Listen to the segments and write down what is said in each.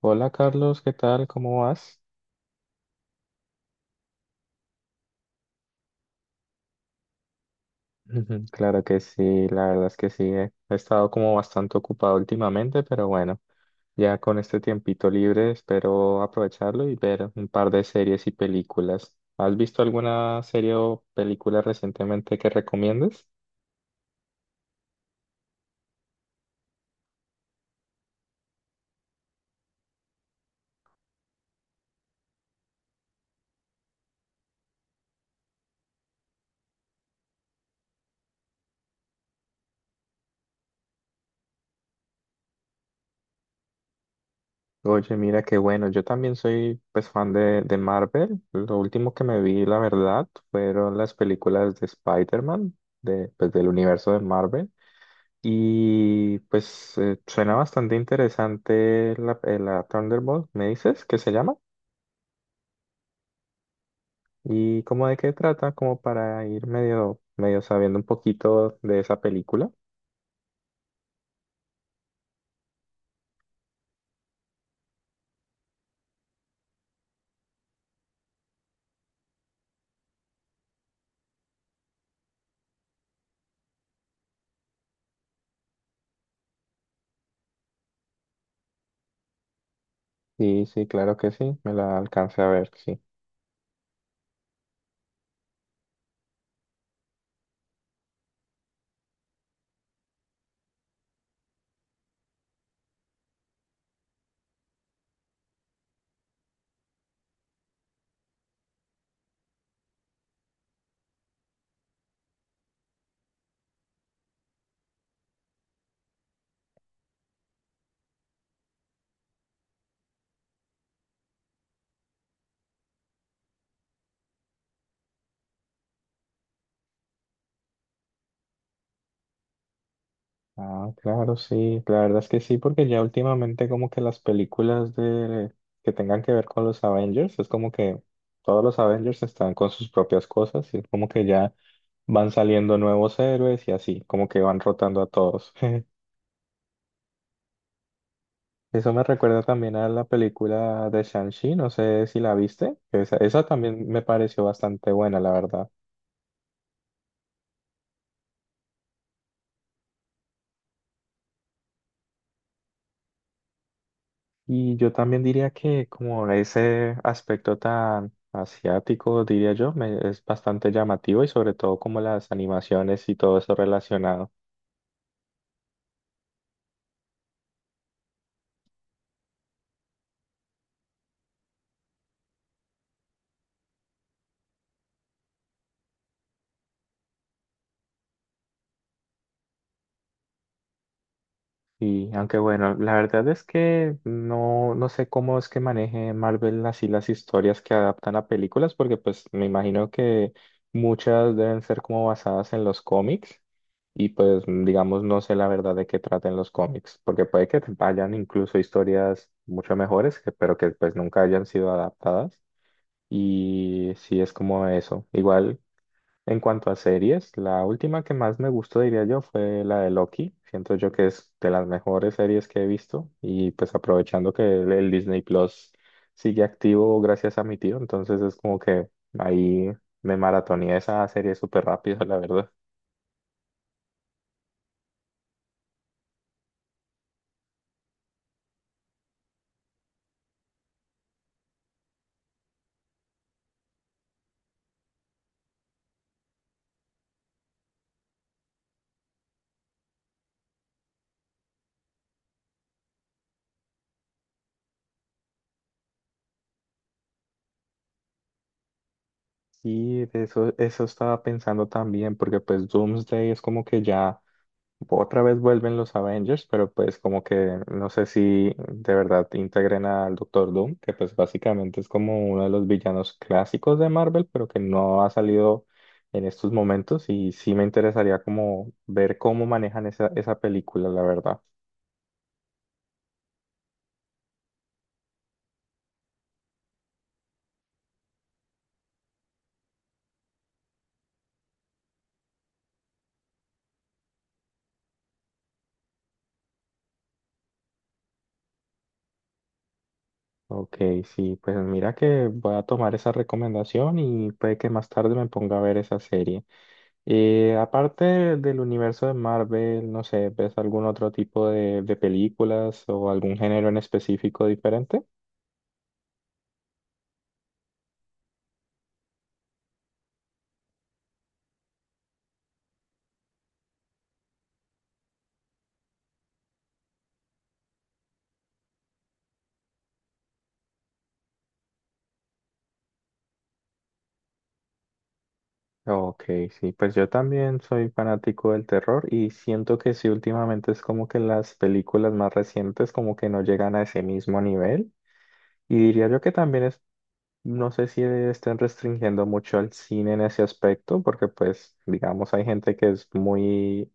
Hola Carlos, ¿qué tal? ¿Cómo vas? Ujú, claro que sí, la verdad es que sí. He estado como bastante ocupado últimamente, pero bueno, ya con este tiempito libre espero aprovecharlo y ver un par de series y películas. ¿Has visto alguna serie o película recientemente que recomiendes? Oye, mira qué bueno, yo también soy pues fan de Marvel. Lo último que me vi, la verdad, fueron las películas de Spider-Man, de, pues, del universo de Marvel. Y pues suena bastante interesante la, la Thunderbolt. ¿Me dices qué se llama? ¿Y cómo de qué trata? Como para ir medio, medio sabiendo un poquito de esa película. Sí, sí, claro que sí, me la alcancé a ver, sí. Ah, claro, sí, la verdad es que sí, porque ya últimamente como que las películas de que tengan que ver con los Avengers, es como que todos los Avengers están con sus propias cosas y es como que ya van saliendo nuevos héroes y así, como que van rotando a todos. Eso me recuerda también a la película de Shang-Chi, no sé si la viste, esa también me pareció bastante buena, la verdad. Y yo también diría que como ese aspecto tan asiático, diría yo, es bastante llamativo y sobre todo como las animaciones y todo eso relacionado. Y aunque bueno, la verdad es que no, no sé cómo es que maneje Marvel así las historias que adaptan a películas, porque pues me imagino que muchas deben ser como basadas en los cómics y pues digamos no sé la verdad de qué traten los cómics, porque puede que vayan incluso historias mucho mejores, pero que pues nunca hayan sido adaptadas. Y sí es como eso. Igual en cuanto a series, la última que más me gustó, diría yo, fue la de Loki. Siento yo que es de las mejores series que he visto y pues aprovechando que el Disney Plus sigue activo gracias a mi tío, entonces es como que ahí me maratoneé esa serie súper rápido, la verdad. Sí, de eso, eso estaba pensando también, porque pues Doomsday es como que ya otra vez vuelven los Avengers, pero pues como que no sé si de verdad integren al Doctor Doom, que pues básicamente es como uno de los villanos clásicos de Marvel, pero que no ha salido en estos momentos y sí me interesaría como ver cómo manejan esa, esa película, la verdad. Ok, sí, pues mira que voy a tomar esa recomendación y puede que más tarde me ponga a ver esa serie. Y aparte del universo de Marvel, no sé, ¿ves algún otro tipo de películas o algún género en específico diferente? Ok, sí, pues yo también soy fanático del terror y siento que sí, últimamente es como que las películas más recientes como que no llegan a ese mismo nivel. Y diría yo que también es, no sé si estén restringiendo mucho al cine en ese aspecto, porque pues, digamos, hay gente que es muy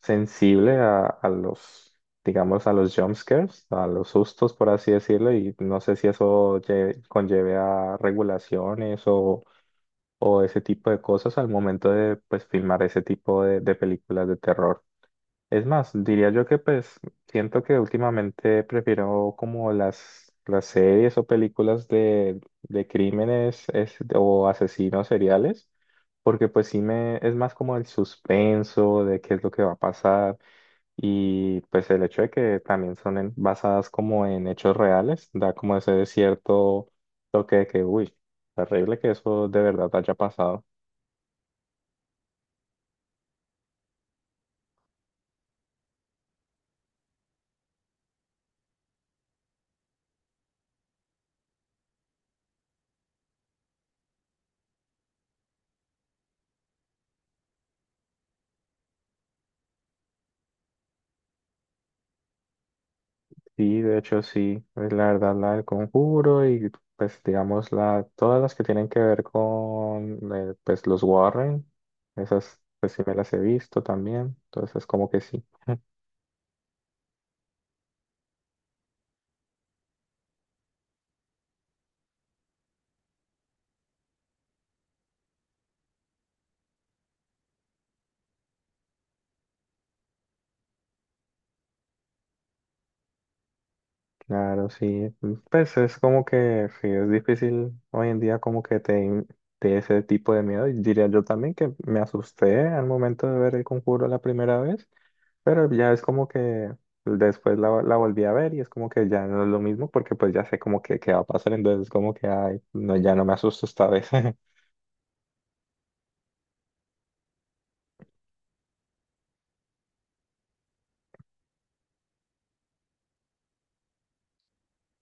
sensible a los, digamos, a los jump scares, a los sustos, por así decirlo, y no sé si eso conlleve a regulaciones o ese tipo de cosas al momento de, pues, filmar ese tipo de películas de terror. Es más, diría yo que, pues, siento que últimamente prefiero como las series o películas de crímenes o asesinos seriales. Porque pues sí me, es más como el suspenso de qué es lo que va a pasar. Y pues el hecho de que también son basadas como en hechos reales, da como ese cierto toque de que, uy, terrible que eso de verdad haya pasado. Sí, de hecho sí, es la verdad la del Conjuro y pues digamos la, todas las que tienen que ver con pues los Warren, esas pues sí me las he visto también, entonces como que sí. Claro, sí. Pues es como que sí, es difícil hoy en día como que te ese tipo de miedo. Y diría yo también que me asusté al momento de ver el conjuro la primera vez, pero ya es como que después la, la volví a ver y es como que ya no es lo mismo porque pues ya sé como que qué va a pasar, entonces como que ay, no, ya no me asusto esta vez.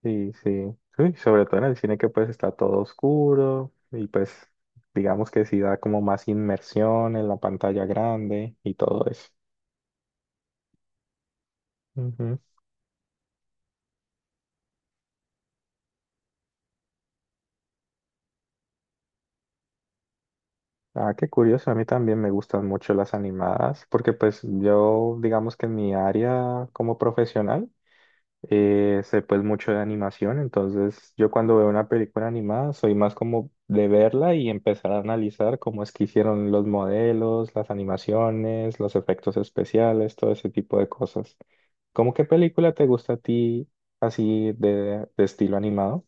Sí, sí. Sí, sobre todo en el cine que pues está todo oscuro y pues digamos que sí da como más inmersión en la pantalla grande y todo eso. Ujú. Ah, qué curioso, a mí también me gustan mucho las animadas, porque pues yo, digamos que en mi área como profesional, sé pues mucho de animación, entonces yo cuando veo una película animada soy más como de verla y empezar a analizar cómo es que hicieron los modelos, las animaciones, los efectos especiales, todo ese tipo de cosas. ¿Cómo qué película te gusta a ti así de estilo animado?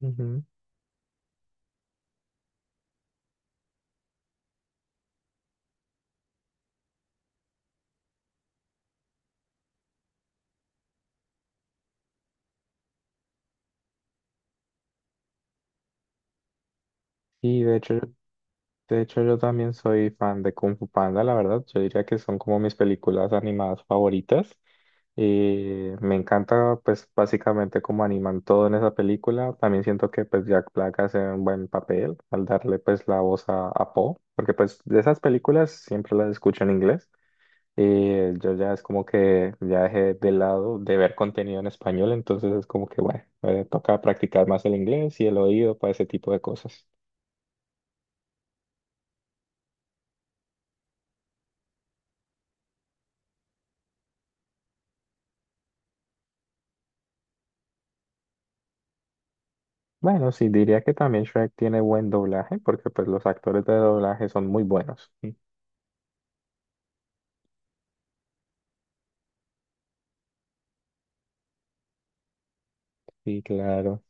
Ujú. Y de hecho yo De hecho, yo también soy fan de Kung Fu Panda, la verdad. Yo diría que son como mis películas animadas favoritas. Y me encanta, pues, básicamente cómo animan todo en esa película. También siento que, pues, Jack Black hace un buen papel al darle, pues, la voz a Poe. Porque, pues, de esas películas siempre las escucho en inglés. Y yo ya es como que ya dejé de lado de ver contenido en español. Entonces es como que, bueno, toca practicar más el inglés y el oído para ese tipo de cosas. Bueno, sí, diría que también Shrek tiene buen doblaje, porque pues los actores de doblaje son muy buenos. Sí, sí, claro.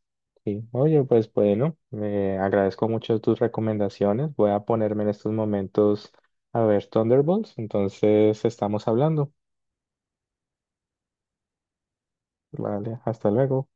Sí. Oye, pues bueno, me agradezco mucho tus recomendaciones. Voy a ponerme en estos momentos a ver Thunderbolts, entonces estamos hablando. Vale, hasta luego.